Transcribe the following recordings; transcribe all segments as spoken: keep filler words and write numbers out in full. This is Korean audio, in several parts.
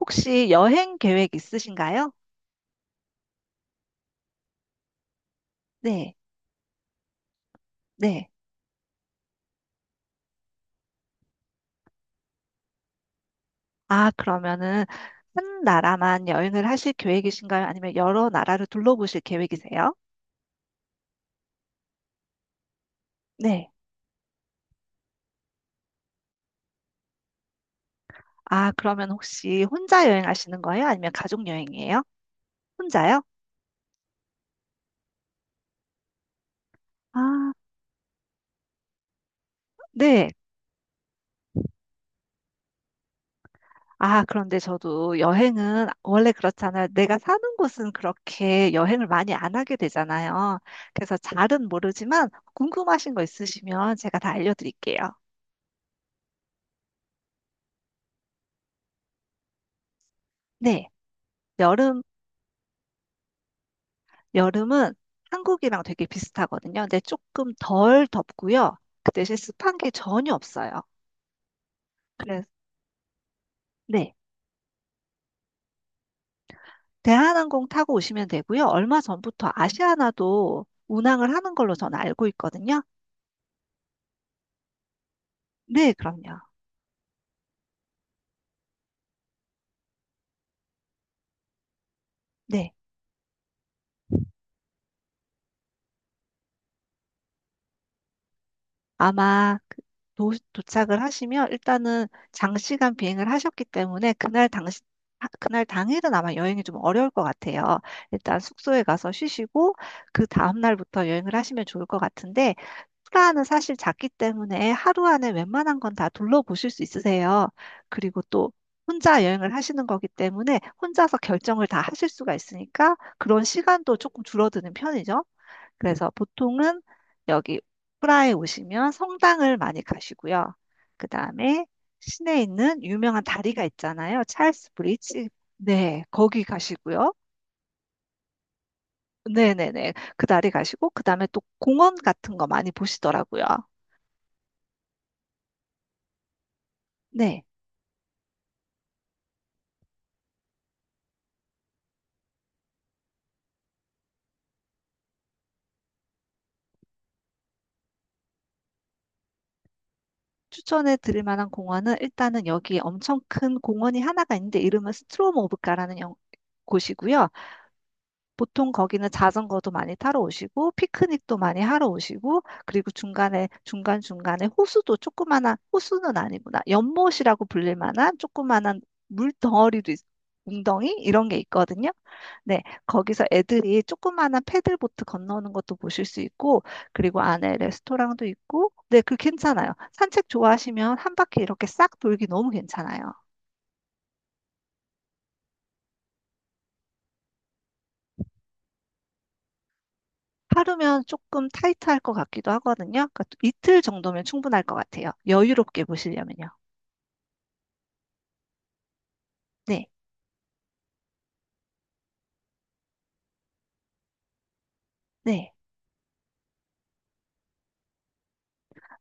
혹시 여행 계획 있으신가요? 네, 네. 아, 그러면은 한 나라만 여행을 하실 계획이신가요? 아니면 여러 나라를 둘러보실 계획이세요? 네. 아, 그러면 혹시 혼자 여행하시는 거예요? 아니면 가족 여행이에요? 혼자요? 아, 네. 아, 그런데 저도 여행은 원래 그렇잖아요. 내가 사는 곳은 그렇게 여행을 많이 안 하게 되잖아요. 그래서 잘은 모르지만 궁금하신 거 있으시면 제가 다 알려드릴게요. 네. 여름 여름은 한국이랑 되게 비슷하거든요. 근데 조금 덜 덥고요. 그 대신 습한 게 전혀 없어요. 그래서 네. 대한항공 타고 오시면 되고요. 얼마 전부터 아시아나도 운항을 하는 걸로 저는 알고 있거든요. 네, 그럼요. 네. 아마 그 도, 도착을 하시면 일단은 장시간 비행을 하셨기 때문에 그날 당시 하- 그날 당일은 아마 여행이 좀 어려울 것 같아요. 일단 숙소에 가서 쉬시고 그 다음 날부터 여행을 하시면 좋을 것 같은데 프라하는 사실 작기 때문에 하루 안에 웬만한 건 다 둘러보실 수 있으세요. 그리고 또 혼자 여행을 하시는 거기 때문에 혼자서 결정을 다 하실 수가 있으니까 그런 시간도 조금 줄어드는 편이죠. 그래서 보통은 여기 프라하에 오시면 성당을 많이 가시고요. 그 다음에 시내에 있는 유명한 다리가 있잖아요. 찰스 브릿지. 네, 거기 가시고요. 네네네. 그 다리 가시고, 그 다음에 또 공원 같은 거 많이 보시더라고요. 네. 추천해 드릴 만한 공원은 일단은 여기 엄청 큰 공원이 하나가 있는데 이름은 스트로모브가라는 영- 곳이고요. 보통 거기는 자전거도 많이 타러 오시고, 피크닉도 많이 하러 오시고, 그리고 중간에, 중간중간에 호수도 조그마한, 호수는 아니구나. 연못이라고 불릴 만한 조그마한 물덩어리도, 있- 웅덩이? 이런 게 있거든요. 네, 거기서 애들이 조그마한 패들보트 건너오는 것도 보실 수 있고, 그리고 안에 레스토랑도 있고, 네, 그 괜찮아요. 산책 좋아하시면 한 바퀴 이렇게 싹 돌기 너무 괜찮아요. 하루면 조금 타이트할 것 같기도 하거든요. 그러니까 이틀 정도면 충분할 것 같아요. 여유롭게 보시려면요. 네, 네,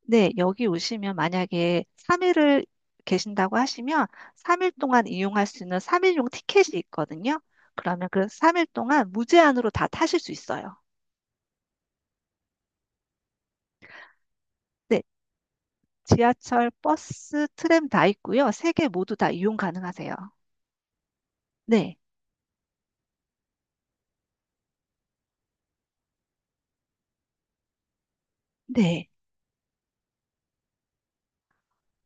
네. 여기 오시면 만약에 삼 일을 계신다고 하시면 삼 일 동안 이용할 수 있는 삼 일용 티켓이 있거든요. 그러면 그 삼 일 동안 무제한으로 다 타실 수 있어요. 네, 지하철, 버스, 트램 다 있고요. 세 개 모두 다 이용 가능하세요. 네, 네.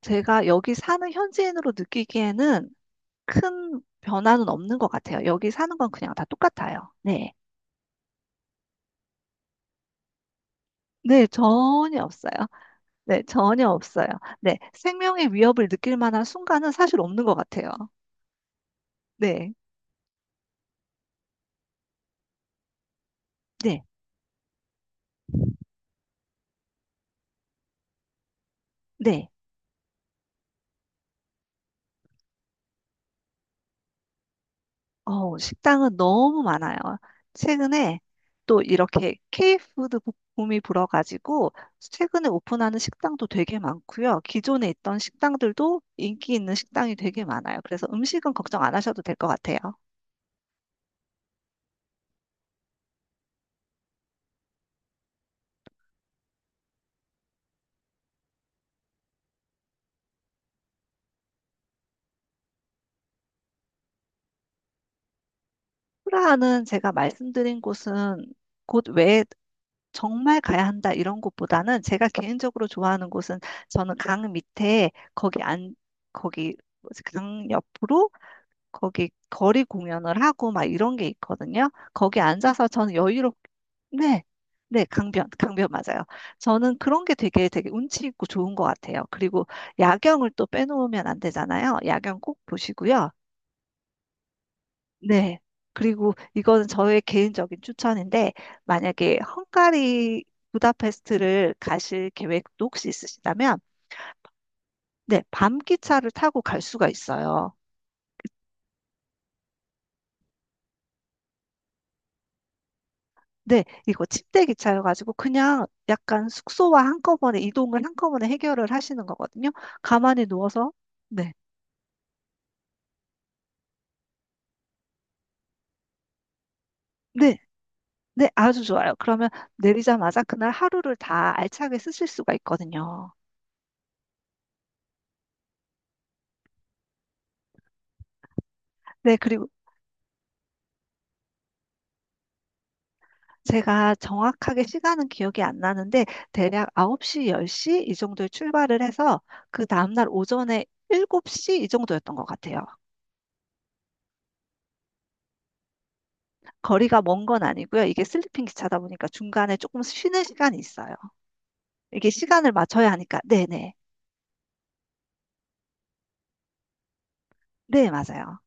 제가 여기 사는 현지인으로 느끼기에는 큰 변화는 없는 것 같아요. 여기 사는 건 그냥 다 똑같아요. 네. 네, 전혀 없어요. 네, 전혀 없어요. 네, 생명의 위협을 느낄 만한 순간은 사실 없는 것 같아요. 네, 네, 네. 어, 식당은 너무 많아요. 최근에 또 이렇게 K푸드 붐이 불어가지고 최근에 오픈하는 식당도 되게 많고요. 기존에 있던 식당들도 인기 있는 식당이 되게 많아요. 그래서 음식은 걱정 안 하셔도 될 것 같아요. 프라하는 제가 말씀드린 곳은 곳 외에 정말 가야 한다 이런 곳보다는 제가 개인적으로 좋아하는 곳은 저는 강 밑에 거기 안 거기 뭐지, 강 옆으로 거기 거리 공연을 하고 막 이런 게 있거든요. 거기 앉아서 저는 여유롭. 네. 네, 강변, 강변 맞아요. 저는 그런 게 되게 되게 운치 있고 좋은 것 같아요. 그리고 야경을 또 빼놓으면 안 되잖아요. 야경 꼭 보시고요. 네. 그리고 이거는 저의 개인적인 추천인데, 만약에 헝가리 부다페스트를 가실 계획도 혹시 있으시다면, 네, 밤 기차를 타고 갈 수가 있어요. 네, 이거 침대 기차여가지고 그냥 약간 숙소와 한꺼번에 이동을 한꺼번에 해결을 하시는 거거든요. 가만히 누워서, 네, 네, 네, 아주 좋아요. 그러면 내리자마자 그날 하루를 다 알차게 쓰실 수가 있거든요. 네, 그리고 제가 정확하게 시간은 기억이 안 나는데 대략 아홉 시, 열 시 이 정도에 출발을 해서 그 다음날 오전에 일곱 시 이 정도였던 것 같아요. 거리가 먼 건 아니고요. 이게 슬리핑 기차다 보니까 중간에 조금 쉬는 시간이 있어요. 이게 시간을 맞춰야 하니까. 네네. 네, 맞아요.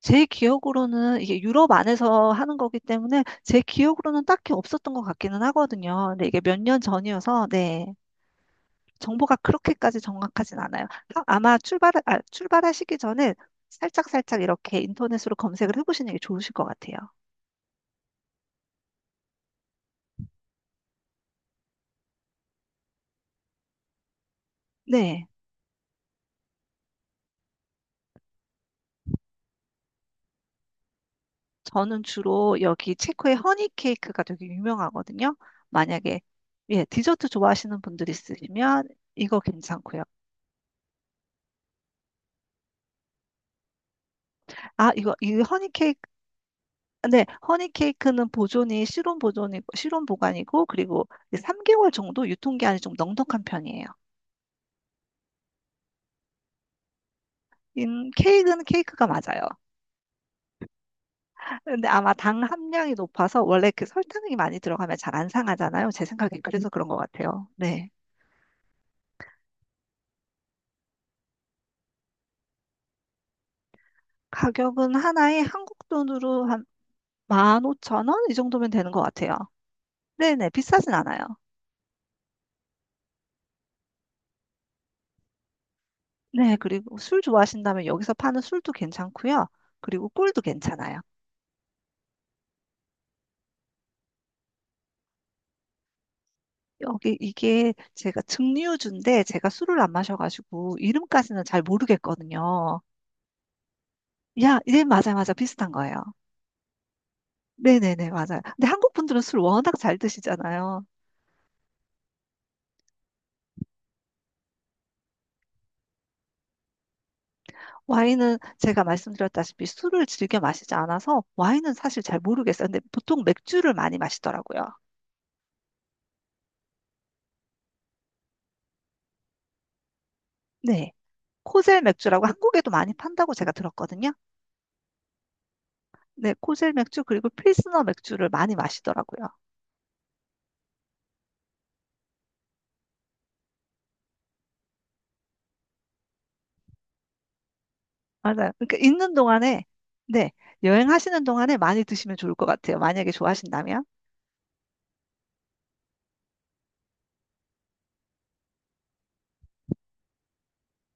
제 기억으로는 이게 유럽 안에서 하는 거기 때문에 제 기억으로는 딱히 없었던 것 같기는 하거든요. 근데 이게 몇 년 전이어서 네. 정보가 그렇게까지 정확하진 않아요. 하- 아마 출발, 아, 출발하시기 전에 살짝살짝 이렇게 인터넷으로 검색을 해보시는 게 좋으실 것 같아요. 네. 저는 주로 여기 체코의 허니 케이크가 되게 유명하거든요. 만약에, 예, 디저트 좋아하시는 분들 있으시면 이거 괜찮고요. 아, 이거, 이 허니 케이크, 네, 허니 케이크는 보존이, 실온 보존이, 실온 보관이고, 그리고 삼 개월 정도 유통기한이 좀 넉넉한 편이에요. 음, 케이크는 케이크가 맞아요. 근데 아마 당 함량이 높아서 원래 그 설탕이 많이 들어가면 잘 안 상하잖아요. 제 생각에 그래서 그런 것 같아요. 네. 가격은 하나에 한국 돈으로 한 만 오천 원? 이 정도면 되는 것 같아요. 네네, 비싸진 않아요. 네, 그리고 술 좋아하신다면 여기서 파는 술도 괜찮고요. 그리고 꿀도 괜찮아요. 여기 이게 제가 증류주인데 제가 술을 안 마셔가지고 이름까지는 잘 모르겠거든요. 야, 네, 맞아, 맞아. 비슷한 거예요. 네네네, 맞아요. 근데 한국 분들은 술 워낙 잘 드시잖아요. 와인은 제가 말씀드렸다시피 술을 즐겨 마시지 않아서 와인은 사실 잘 모르겠어요. 근데 보통 맥주를 많이 마시더라고요. 네. 코젤 맥주라고 한국에도 많이 판다고 제가 들었거든요. 네, 코젤 맥주 그리고 필스너 맥주를 많이 마시더라고요. 맞아요. 그러니까 있는 동안에 네, 여행하시는 동안에 많이 드시면 좋을 것 같아요. 만약에 좋아하신다면.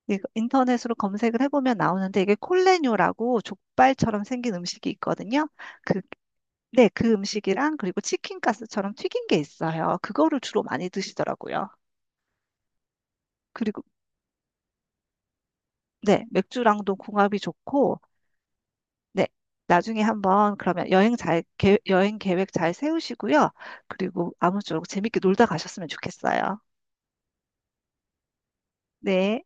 이거 인터넷으로 검색을 해보면 나오는데 이게 콜레뇨라고 족발처럼 생긴 음식이 있거든요. 그게 네, 그 음식이랑 그리고 치킨 가스처럼 튀긴 게 있어요. 그거를 주로 많이 드시더라고요. 그리고 네, 맥주랑도 궁합이 좋고 네, 나중에 한번 그러면 여행 잘 계- 여행 계획 잘 세우시고요. 그리고 아무쪼록 재밌게 놀다 가셨으면 좋겠어요. 네,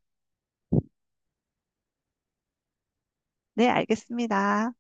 네, 알겠습니다.